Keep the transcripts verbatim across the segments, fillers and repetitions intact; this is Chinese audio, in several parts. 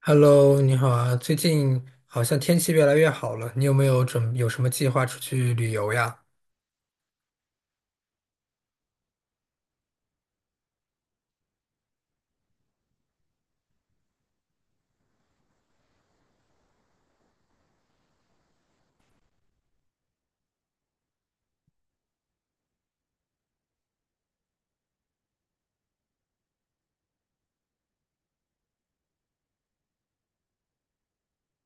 Hello，你好啊！最近好像天气越来越好了，你有没有准有什么计划出去旅游呀？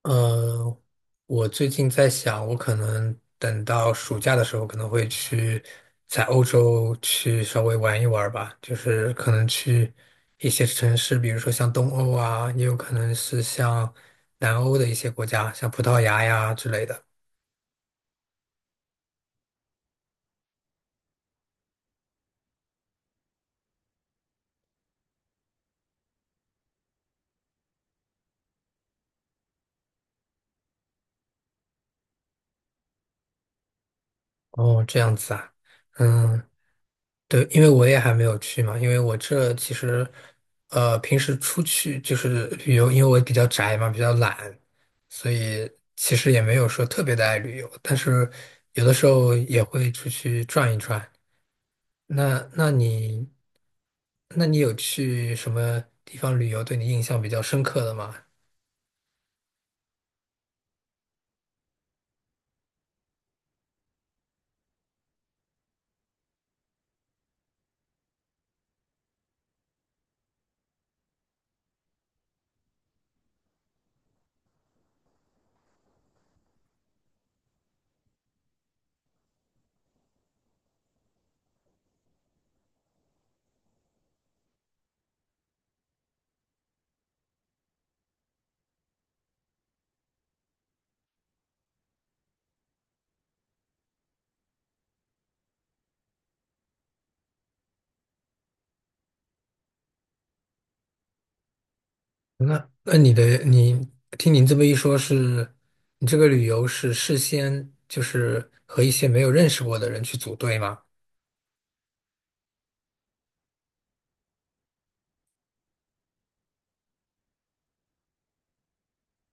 嗯，我最近在想，我可能等到暑假的时候，可能会去在欧洲去稍微玩一玩吧，就是可能去一些城市，比如说像东欧啊，也有可能是像南欧的一些国家，像葡萄牙呀之类的。哦，这样子啊，嗯。对，因为我也还没有去嘛，因为我这其实，呃，平时出去就是旅游，因为我比较宅嘛，比较懒，所以其实也没有说特别的爱旅游，但是有的时候也会出去转一转。那那你，那你有去什么地方旅游对你印象比较深刻的吗？那那你的你听您这么一说是，你这个旅游是事先就是和一些没有认识过的人去组队吗？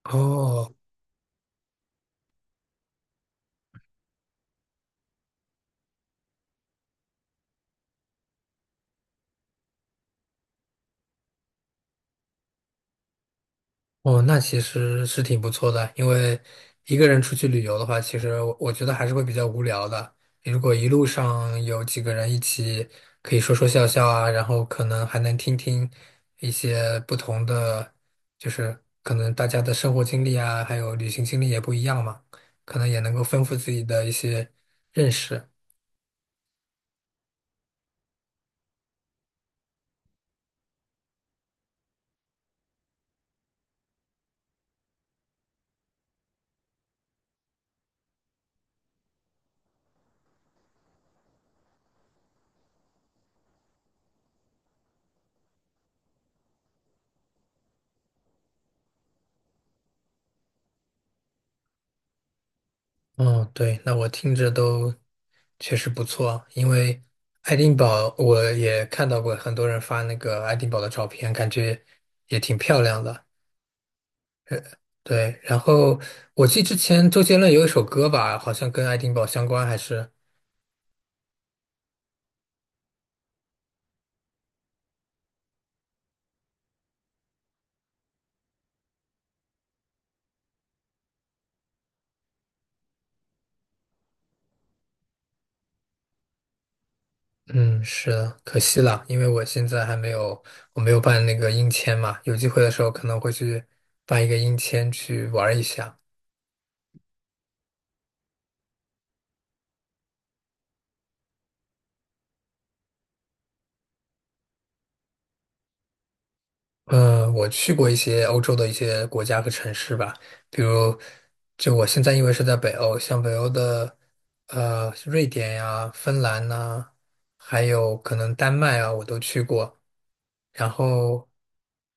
哦，哦，那其实是挺不错的，因为一个人出去旅游的话，其实我我觉得还是会比较无聊的。如果一路上有几个人一起，可以说说笑笑啊，然后可能还能听听一些不同的，就是可能大家的生活经历啊，还有旅行经历也不一样嘛，可能也能够丰富自己的一些认识。哦，对，那我听着都确实不错，因为爱丁堡我也看到过很多人发那个爱丁堡的照片，感觉也挺漂亮的。对，然后我记得之前周杰伦有一首歌吧，好像跟爱丁堡相关，还是嗯，是的，可惜了，因为我现在还没有我没有办那个英签嘛，有机会的时候可能会去办一个英签去玩一下。嗯，我去过一些欧洲的一些国家和城市吧，比如，就我现在因为是在北欧，像北欧的呃瑞典呀、芬兰呐、还有可能丹麦啊，我都去过。然后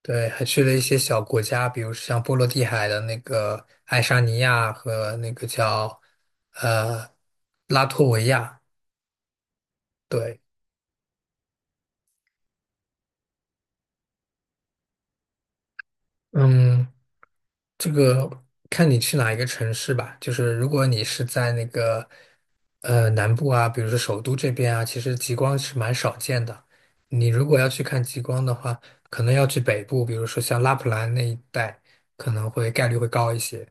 对，还去了一些小国家，比如像波罗的海的那个爱沙尼亚和那个叫呃拉脱维亚。对，嗯。这个看你去哪一个城市吧，就是如果你是在那个呃南部啊，比如说首都这边啊，其实极光是蛮少见的。你如果要去看极光的话，可能要去北部，比如说像拉普兰那一带，可能会概率会高一些。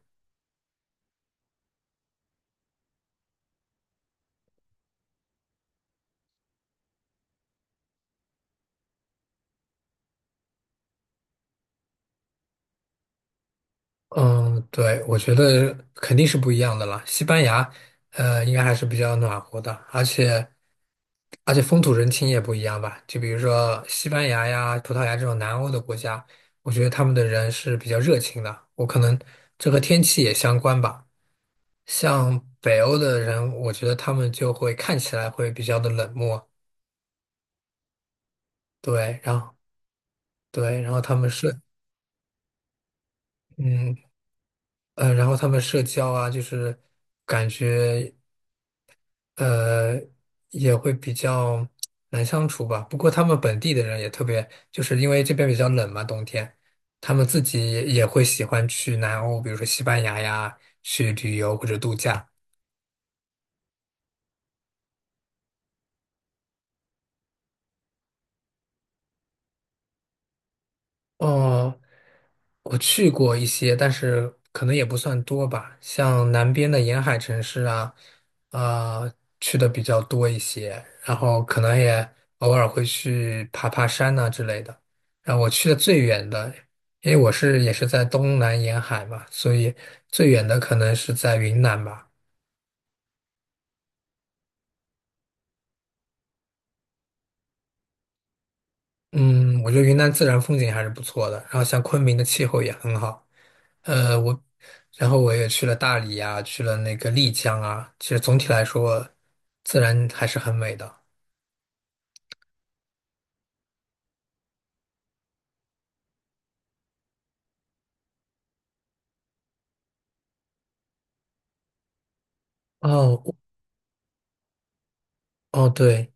嗯，对，我觉得肯定是不一样的了。西班牙，呃，应该还是比较暖和的，而且。而且风土人情也不一样吧，就比如说西班牙呀、葡萄牙这种南欧的国家，我觉得他们的人是比较热情的。我可能这和天气也相关吧。像北欧的人，我觉得他们就会看起来会比较的冷漠，对，然后对，然后他们社，嗯呃，然后他们社交啊，就是感觉。呃，也会比较难相处吧。不过他们本地的人也特别，就是因为这边比较冷嘛，冬天，他们自己也会喜欢去南欧，比如说西班牙呀，去旅游或者度假。哦，我去过一些，但是可能也不算多吧。像南边的沿海城市啊、啊、去的比较多一些，然后可能也偶尔会去爬爬山呐、之类的。然后我去的最远的，因为我是也是在东南沿海嘛，所以最远的可能是在云南吧。嗯，我觉得云南自然风景还是不错的，然后像昆明的气候也很好。呃，我，然后我也去了大理呀，去了那个丽江啊。其实总体来说，自然还是很美的。哦，我哦，对，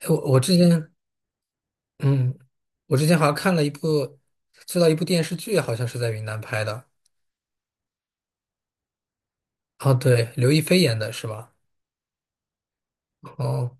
哎我我之前，嗯，我之前好像看了一部，知道一部电视剧，好像是在云南拍的。哦，对，刘亦菲演的是吧？哦。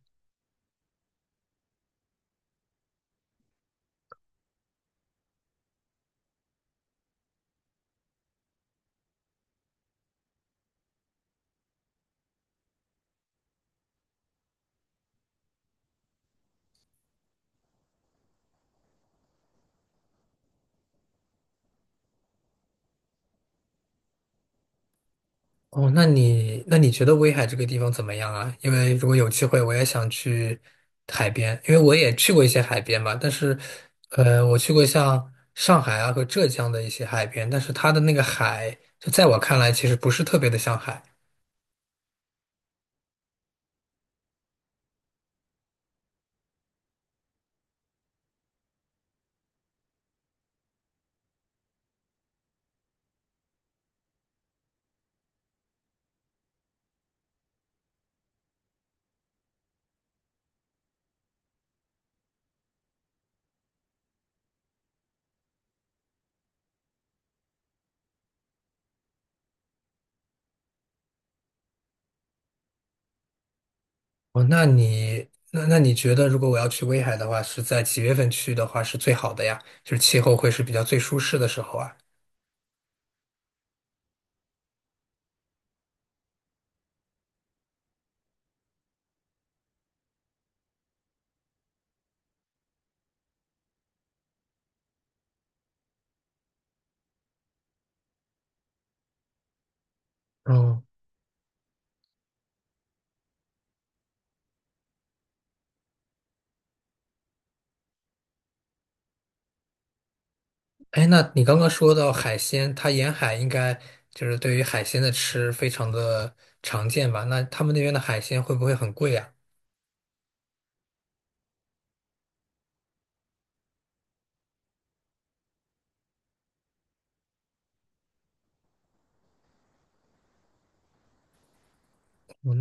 哦，那你那你觉得威海这个地方怎么样啊？因为如果有机会，我也想去海边，因为我也去过一些海边嘛。但是，呃，我去过像上海啊和浙江的一些海边，但是它的那个海，就在我看来，其实不是特别的像海。哦，那你那那你觉得，如果我要去威海的话，是在几月份去的话是最好的呀？就是气候会是比较最舒适的时候啊。嗯。哎，那你刚刚说到海鲜，它沿海应该就是对于海鲜的吃非常的常见吧？那他们那边的海鲜会不会很贵啊？哦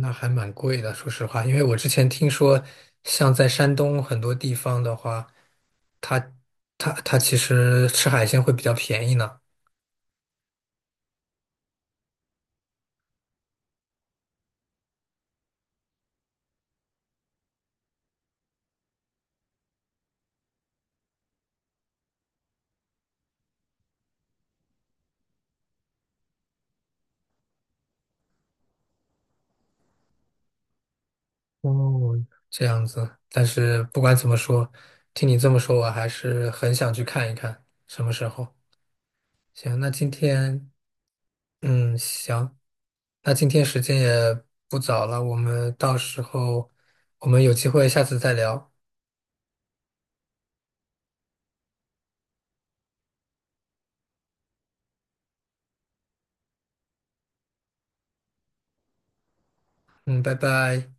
那还蛮贵的，说实话，因为我之前听说，像在山东很多地方的话，它它其实吃海鲜会比较便宜呢。哦，这样子，但是不管怎么说，听你这么说，我还是很想去看一看，什么时候？行，那今天嗯，行，那今天时间也不早了，我们到时候我们有机会下次再聊。嗯，拜拜。